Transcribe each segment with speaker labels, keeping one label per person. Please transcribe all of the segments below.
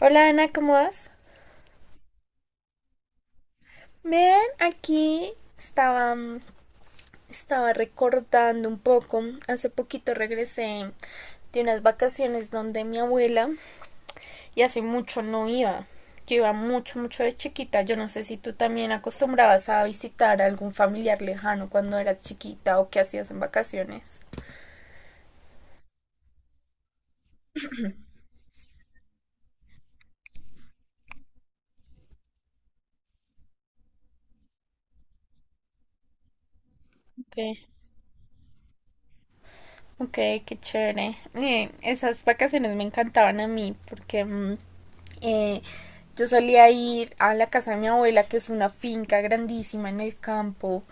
Speaker 1: Hola Ana, ¿cómo vas? Bien, aquí estaba, estaba recordando un poco. Hace poquito regresé de unas vacaciones donde mi abuela y hace mucho no iba. Yo iba mucho, mucho de chiquita. Yo no sé si tú también acostumbrabas a visitar a algún familiar lejano cuando eras chiquita o qué hacías en vacaciones. Ok. Ok, qué chévere. Esas vacaciones me encantaban a mí porque eh, yo solía ir a la casa de mi abuela, que es una finca grandísima en el campo,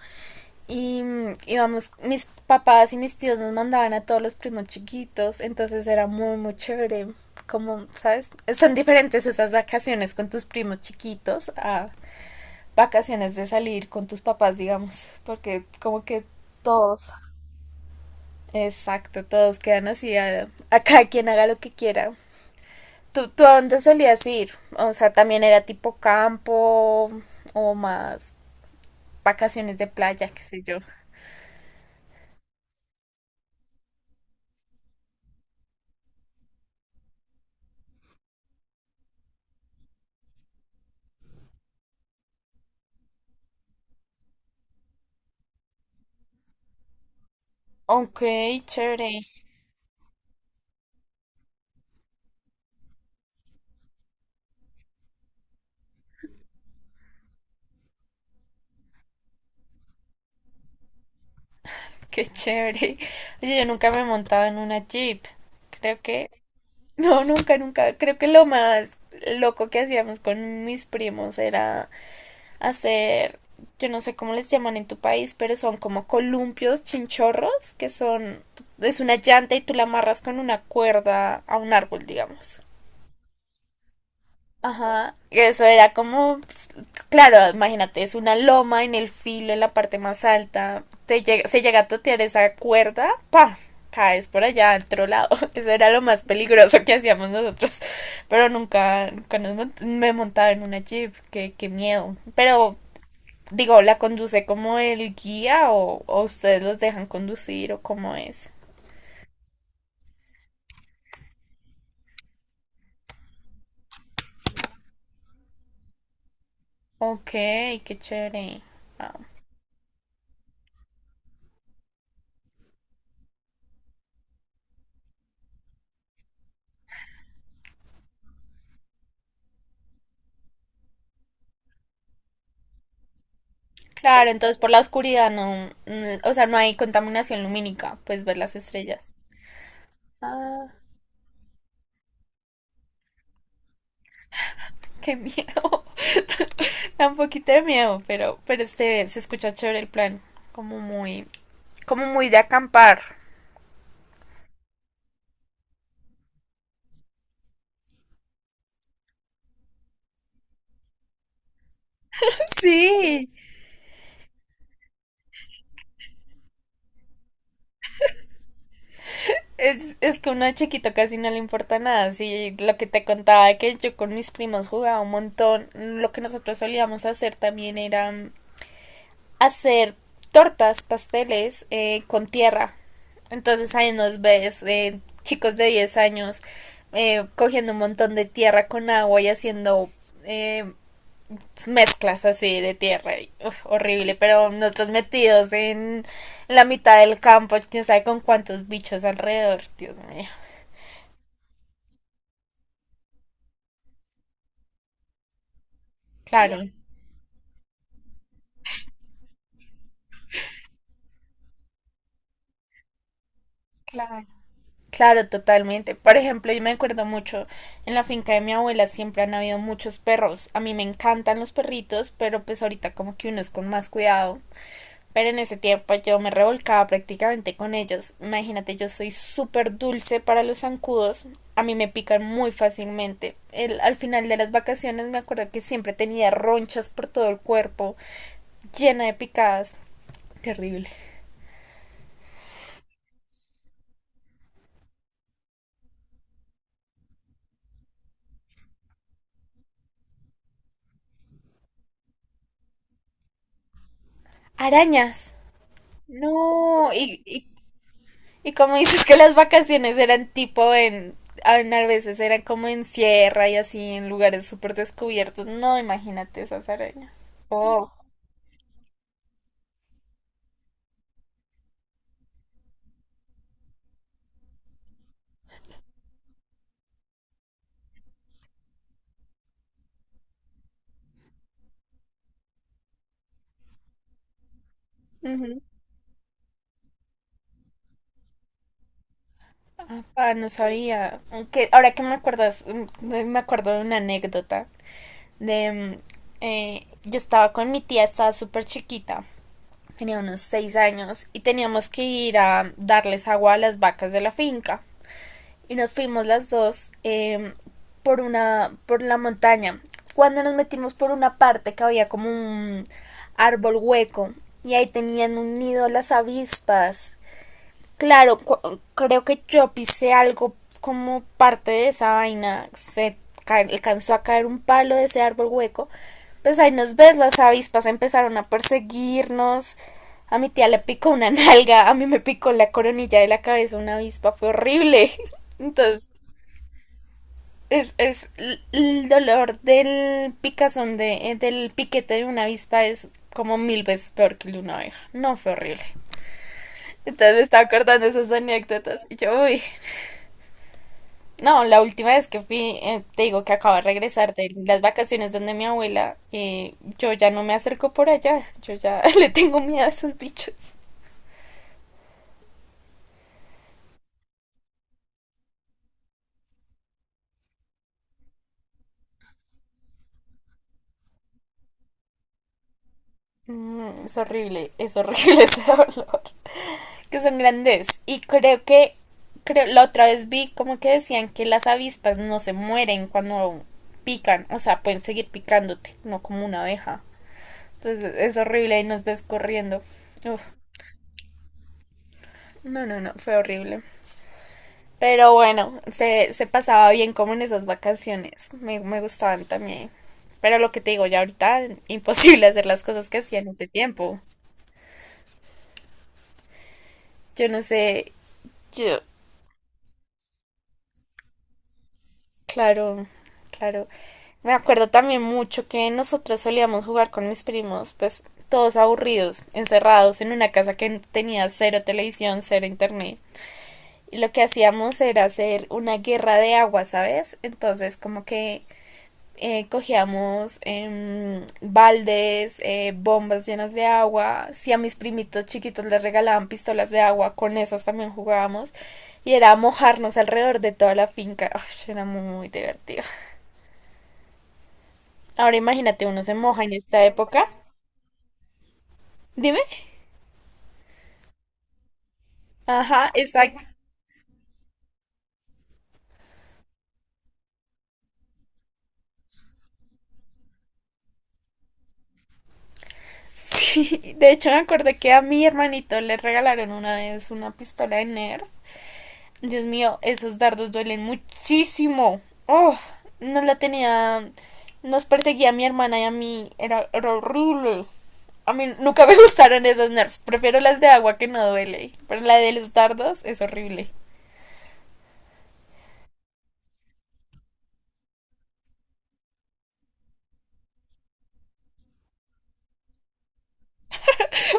Speaker 1: y íbamos, mis papás y mis tíos nos mandaban a todos los primos chiquitos, entonces era muy, muy chévere. Como, ¿sabes? Son diferentes esas vacaciones con tus primos chiquitos a vacaciones de salir con tus papás, digamos, porque como que todos. Exacto, todos quedan así a cada quien haga lo que quiera. ¿Tú a dónde solías ir? O sea, también era tipo campo o más vacaciones de playa, qué sé yo. Ok, chévere, qué chévere. Oye, yo nunca me he montado en una Jeep. Creo que, no, nunca, nunca. Creo que lo más loco que hacíamos con mis primos era hacer, yo no sé cómo les llaman en tu país, pero son como columpios, chinchorros, que son, es una llanta y tú la amarras con una cuerda a un árbol, digamos. Ajá, eso era como, pues, claro, imagínate, es una loma en el filo, en la parte más alta, te llega, se llega a totear esa cuerda, pa, caes por allá, al otro lado, eso era lo más peligroso que hacíamos nosotros, pero nunca, nunca me montaba en una jeep, qué miedo, pero digo, ¿la conduce como el guía o ustedes los dejan conducir o cómo es? Ok, qué chévere. Claro, entonces por la oscuridad no, mm, o sea, no hay contaminación lumínica, pues ver las estrellas. Ah, qué miedo. Da un poquito de miedo, pero este se escucha chévere el plan, como muy, como muy de acampar. Sí. Es que uno de chiquito casi no le importa nada, sí, lo que te contaba que yo con mis primos jugaba un montón, lo que nosotros solíamos hacer también era hacer tortas, pasteles con tierra, entonces ahí nos ves chicos de 10 años cogiendo un montón de tierra con agua y haciendo eh, mezclas así de tierra, uf, horrible, pero nosotros metidos en la mitad del campo, quién sabe con cuántos bichos alrededor, Dios mío. Claro, claro, claro, totalmente. Por ejemplo, yo me acuerdo mucho, en la finca de mi abuela siempre han habido muchos perros. A mí me encantan los perritos, pero pues ahorita como que uno es con más cuidado. Pero en ese tiempo yo me revolcaba prácticamente con ellos. Imagínate, yo soy súper dulce para los zancudos. A mí me pican muy fácilmente. Al final de las vacaciones me acuerdo que siempre tenía ronchas por todo el cuerpo, llena de picadas. Terrible. Arañas. No, y, y como dices que las vacaciones eran tipo en a veces eran como en sierra y así en lugares súper descubiertos, no imagínate esas arañas. Oh. Ujú. Ah, no sabía. Aunque ahora que me acuerdas, me acuerdo de una anécdota de yo estaba con mi tía, estaba súper chiquita, tenía unos 6 años y teníamos que ir a darles agua a las vacas de la finca. Y nos fuimos las dos por la montaña. Cuando nos metimos por una parte que había como un árbol hueco y ahí tenían un nido las avispas. Claro, creo que yo pisé algo como parte de esa vaina. Se alcanzó a caer un palo de ese árbol hueco. Pues ahí nos ves, las avispas empezaron a perseguirnos. A mi tía le picó una nalga, a mí me picó la coronilla de la cabeza una avispa, fue horrible. Entonces, es el dolor del picazón del piquete de una avispa es como mil veces peor que el de una abeja. No fue horrible. Entonces me estaba acordando de esas anécdotas y yo, uy. No, la última vez que fui, te digo que acabo de regresar de las vacaciones donde mi abuela, yo ya no me acerco por allá, yo ya le tengo miedo a esos bichos. Es horrible, es horrible ese olor, que son grandes. Y creo, la otra vez vi como que decían que las avispas no se mueren cuando pican, o sea, pueden seguir picándote, no como una abeja. Entonces es horrible y nos ves corriendo. Uf, no, no, no, fue horrible. Pero bueno, se pasaba bien como en esas vacaciones. Me gustaban también. Pero lo que te digo, ya ahorita imposible hacer las cosas que hacía en ese tiempo. Yo no sé, yo, claro, claro. Me acuerdo también mucho que nosotros solíamos jugar con mis primos, pues todos aburridos, encerrados en una casa que tenía cero televisión, cero internet. Y lo que hacíamos era hacer una guerra de agua, ¿sabes? Entonces, como que cogíamos baldes, bombas llenas de agua. Si a mis primitos chiquitos les regalaban pistolas de agua, con esas también jugábamos. Y era mojarnos alrededor de toda la finca. Ay, era muy divertido. Ahora imagínate, uno se moja en esta época. Dime. Ajá, exacto. Sí, de hecho me acordé que a mi hermanito le regalaron una vez una pistola de Nerf. Dios mío, esos dardos duelen muchísimo. Oh, nos la tenía. Nos perseguía a mi hermana y a mí. Era horrible. A mí nunca me gustaron esas nerfs. Prefiero las de agua que no duele. Pero la de los dardos es horrible.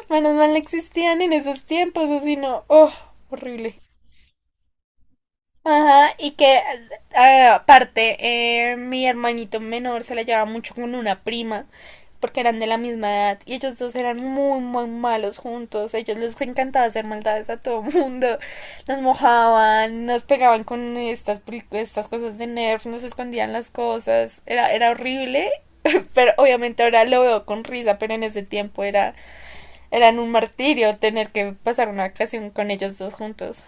Speaker 1: Menos mal no existían en esos tiempos, o si no. Oh, horrible. Ajá, y que aparte mi hermanito menor se la llevaba mucho con una prima porque eran de la misma edad y ellos dos eran muy muy malos juntos. A ellos les encantaba hacer maldades a todo mundo, nos mojaban, nos pegaban con estas cosas de Nerf, nos escondían las cosas, era horrible, pero obviamente ahora lo veo con risa, pero en ese tiempo eran un martirio tener que pasar una ocasión con ellos dos juntos.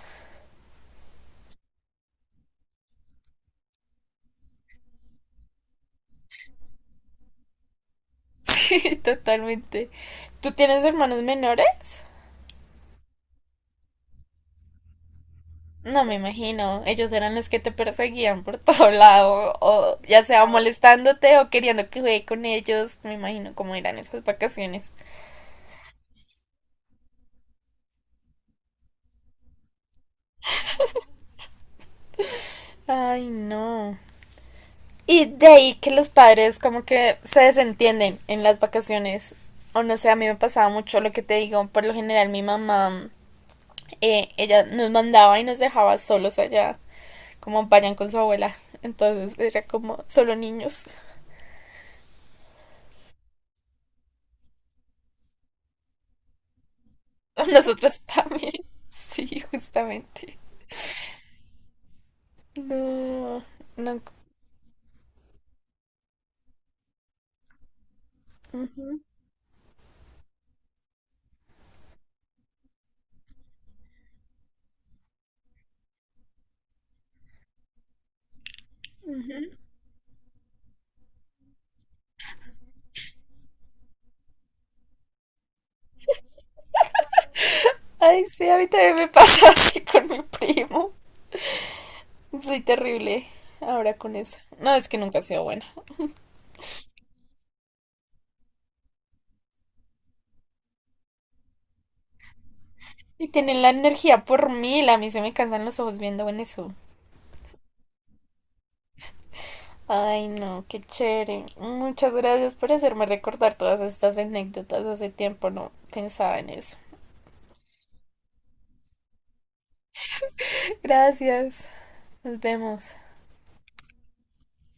Speaker 1: Sí, totalmente. ¿Tú tienes hermanos menores? No me imagino. Ellos eran los que te perseguían por todo lado, o ya sea molestándote o queriendo que juegue con ellos. Me imagino cómo eran esas vacaciones. Ay, no. Y de ahí que los padres como que se desentienden en las vacaciones. O no sé, a mí me pasaba mucho lo que te digo. Por lo general mi mamá, ella nos mandaba y nos dejaba solos allá, como vayan con su abuela. Entonces era como solo niños. Nosotros también. Sí, justamente. No, no. Ujú. Ay, sí, a mí también me pasa así con mi primo. Soy terrible ahora con eso. No, es que nunca he sido buena. Y tienen la energía por mil. A mí se me cansan los ojos viendo en eso. Ay, no, qué chévere. Muchas gracias por hacerme recordar todas estas anécdotas. Hace tiempo no pensaba en eso. Gracias. Nos vemos.